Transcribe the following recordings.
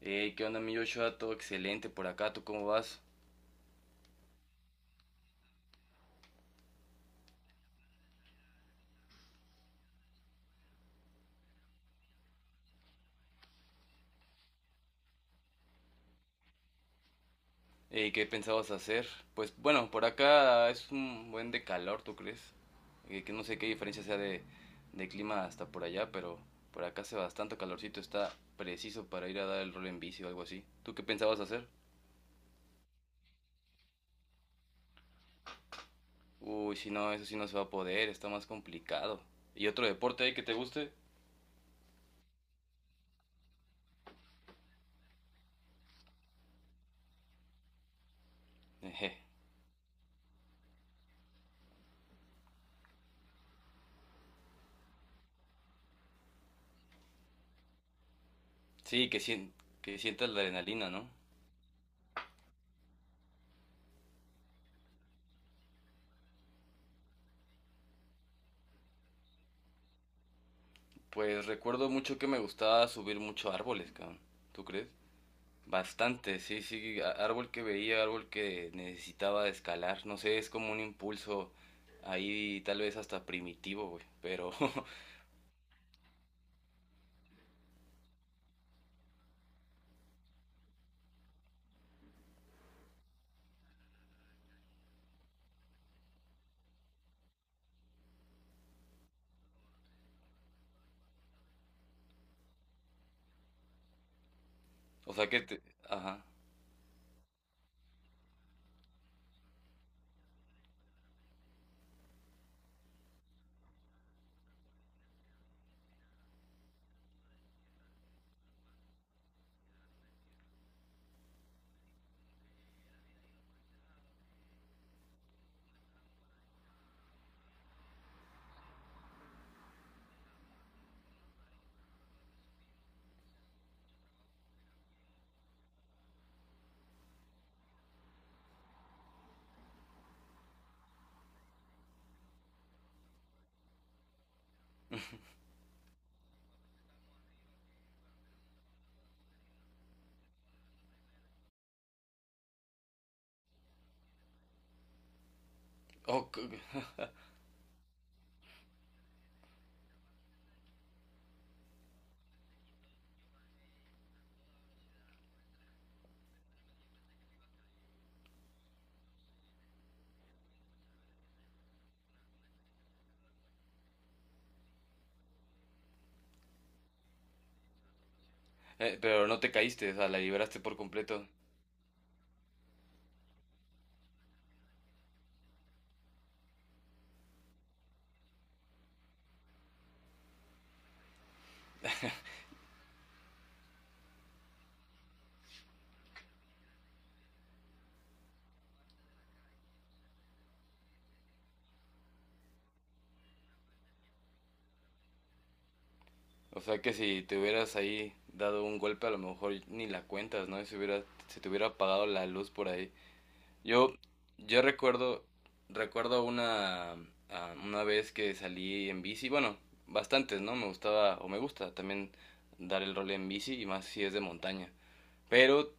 Hey, ¿qué onda, mi Joshua? Todo excelente por acá, ¿tú cómo vas? Hey, ¿qué pensabas hacer? Pues bueno, por acá es un buen de calor, ¿tú crees? Que no sé qué diferencia sea de clima hasta por allá, pero por acá hace bastante calorcito, está preciso para ir a dar el rol en bici o algo así. ¿Tú qué pensabas hacer? Uy, si no, eso sí no se va a poder, está más complicado. ¿Y otro deporte ahí que te guste? Eje. Sí, que sientas la adrenalina, ¿no? Pues recuerdo mucho que me gustaba subir mucho árboles, cabrón. ¿Tú crees? Bastante, sí, sí, árbol que veía, árbol que necesitaba de escalar, no sé, es como un impulso ahí tal vez hasta primitivo, güey, pero, o sea que te, ajá, Oh, c- pero no te caíste, o sea, la liberaste por completo, o sea que si te hubieras ahí dado un golpe a lo mejor ni la cuentas, ¿no? Se te hubiera apagado la luz por ahí. Yo, yo recuerdo, recuerdo una vez que salí en bici, bueno, bastantes, ¿no? Me gustaba, o me gusta también dar el rol en bici, y más si es de montaña. Pero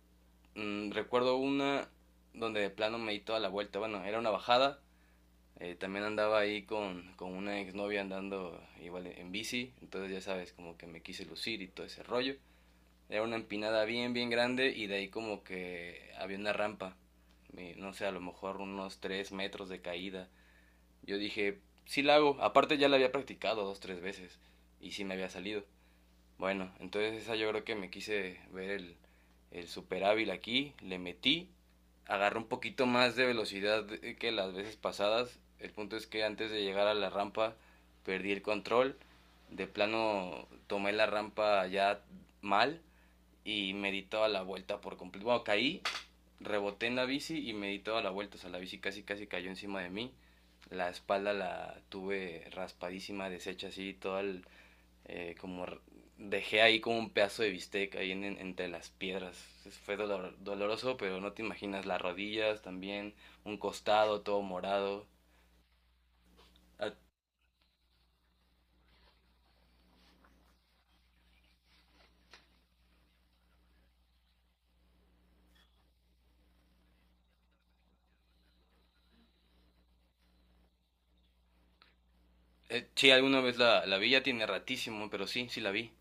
recuerdo una donde de plano me di toda la vuelta, bueno, era una bajada, también andaba ahí con una exnovia andando igual en bici, entonces ya sabes, como que me quise lucir y todo ese rollo. Era una empinada bien, bien grande y de ahí como que había una rampa. Y no sé, a lo mejor unos 3 metros de caída. Yo dije, sí la hago. Aparte ya la había practicado dos, tres veces y sí me había salido. Bueno, entonces esa yo creo que me quise ver el super hábil aquí. Le metí, agarré un poquito más de velocidad que las veces pasadas. El punto es que antes de llegar a la rampa perdí el control. De plano tomé la rampa ya mal y me di toda la vuelta por completo. Bueno, caí, reboté en la bici y me di toda la vuelta. O sea, la bici casi casi cayó encima de mí. La espalda la tuve raspadísima, deshecha así, como dejé ahí como un pedazo de bistec ahí entre las piedras. Fue doloroso, pero no te imaginas las rodillas también, un costado todo morado. Ah, sí, alguna vez la vi, ya tiene ratísimo, pero sí, sí la vi.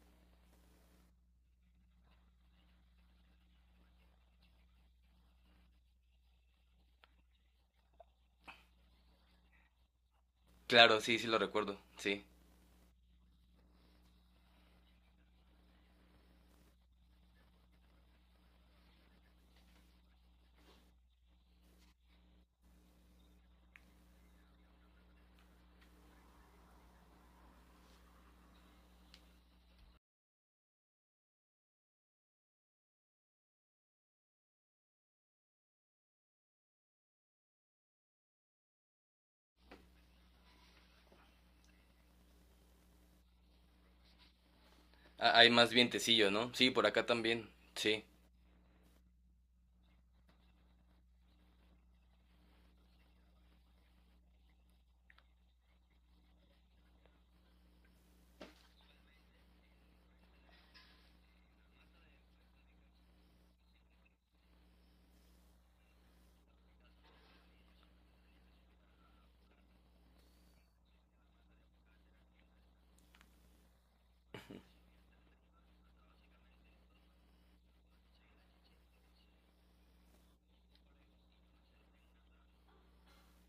Claro, sí, sí lo recuerdo, sí. Ah, hay más vientecillo, ¿no? Sí, por acá también. Sí.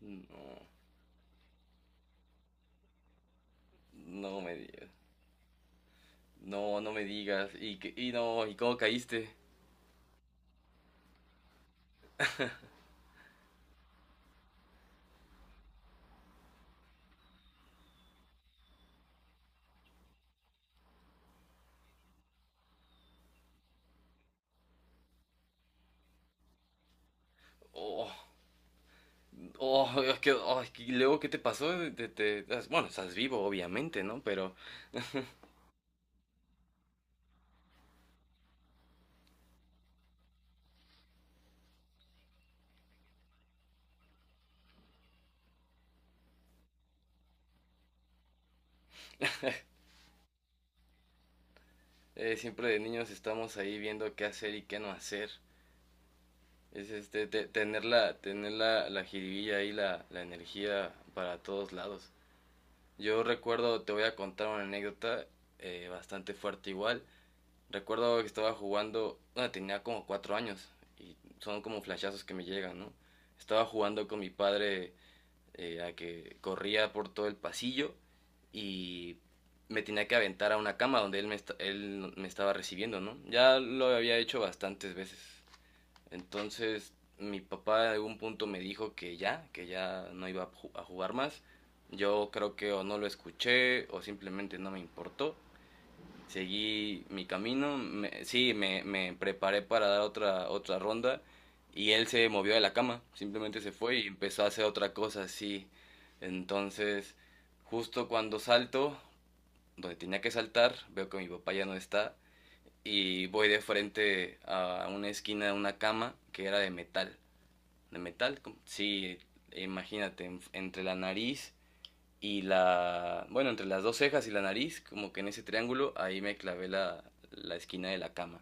No, no me digas. No, no me digas. Y no, ¿y cómo caíste? Oh, oh, y luego, ¿qué te pasó? Bueno, estás vivo, obviamente, ¿no? Pero siempre de niños estamos ahí viendo qué hacer y qué no hacer. Es este, tener tener la jiribilla y la energía para todos lados. Yo recuerdo, te voy a contar una anécdota bastante fuerte igual. Recuerdo que estaba jugando, bueno, tenía como 4 años y son como flashazos que me llegan, ¿no? Estaba jugando con mi padre a que corría por todo el pasillo y me tenía que aventar a una cama donde él me estaba recibiendo, ¿no? Ya lo había hecho bastantes veces. Entonces mi papá en algún punto me dijo que ya no iba a a jugar más. Yo creo que o no lo escuché o simplemente no me importó, seguí mi camino, sí, me preparé para dar otra, otra ronda y él se movió de la cama, simplemente se fue y empezó a hacer otra cosa así. Entonces, justo cuando salto, donde tenía que saltar, veo que mi papá ya no está y voy de frente a una esquina de una cama que era de metal. ¿De metal? Sí, imagínate, entre la nariz y bueno, entre las dos cejas y la nariz, como que en ese triángulo, ahí me clavé la esquina de la cama.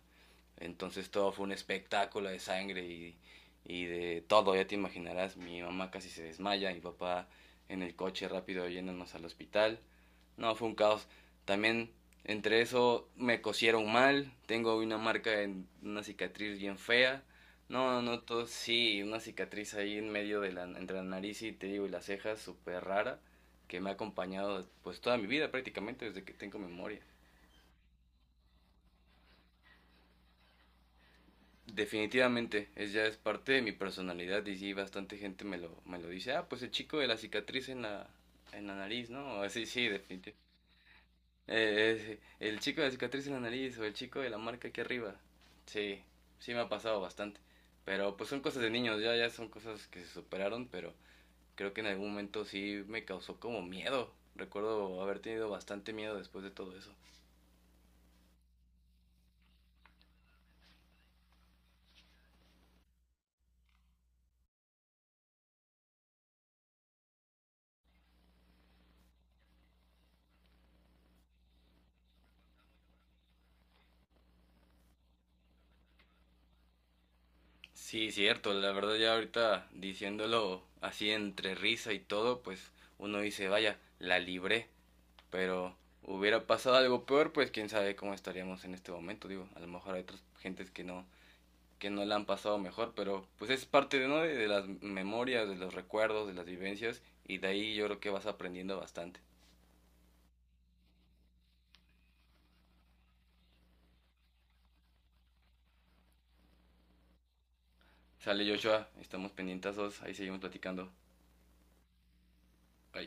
Entonces todo fue un espectáculo de sangre y de todo, ya te imaginarás, mi mamá casi se desmaya, mi papá en el coche rápido yéndonos al hospital. No, fue un caos. También entre eso me cosieron mal, tengo una marca en una cicatriz bien fea. No, no, todo sí, una cicatriz ahí en medio de la entre la nariz y te digo y las cejas, súper rara que me ha acompañado pues toda mi vida prácticamente desde que tengo memoria. Definitivamente, es ya es parte de mi personalidad y sí, bastante gente me me lo dice, ah, pues el chico de la cicatriz en en la nariz, ¿no? Así, sí, definitivamente. Eh, eh, el chico de la cicatriz en la nariz o el chico de la marca aquí arriba. Sí, sí me ha pasado bastante. Pero pues son cosas de niños, ya, ya son cosas que se superaron, pero creo que en algún momento sí me causó como miedo. Recuerdo haber tenido bastante miedo después de todo eso. Sí, cierto, la verdad ya ahorita diciéndolo así entre risa y todo, pues uno dice, vaya, la libré, pero hubiera pasado algo peor, pues quién sabe cómo estaríamos en este momento, digo, a lo mejor hay otras gentes que no, que no la han pasado mejor, pero pues es parte de, ¿no? De las memorias, de los recuerdos, de las vivencias y de ahí yo creo que vas aprendiendo bastante. Sale Joshua, estamos pendientes, ahí seguimos platicando. Bye.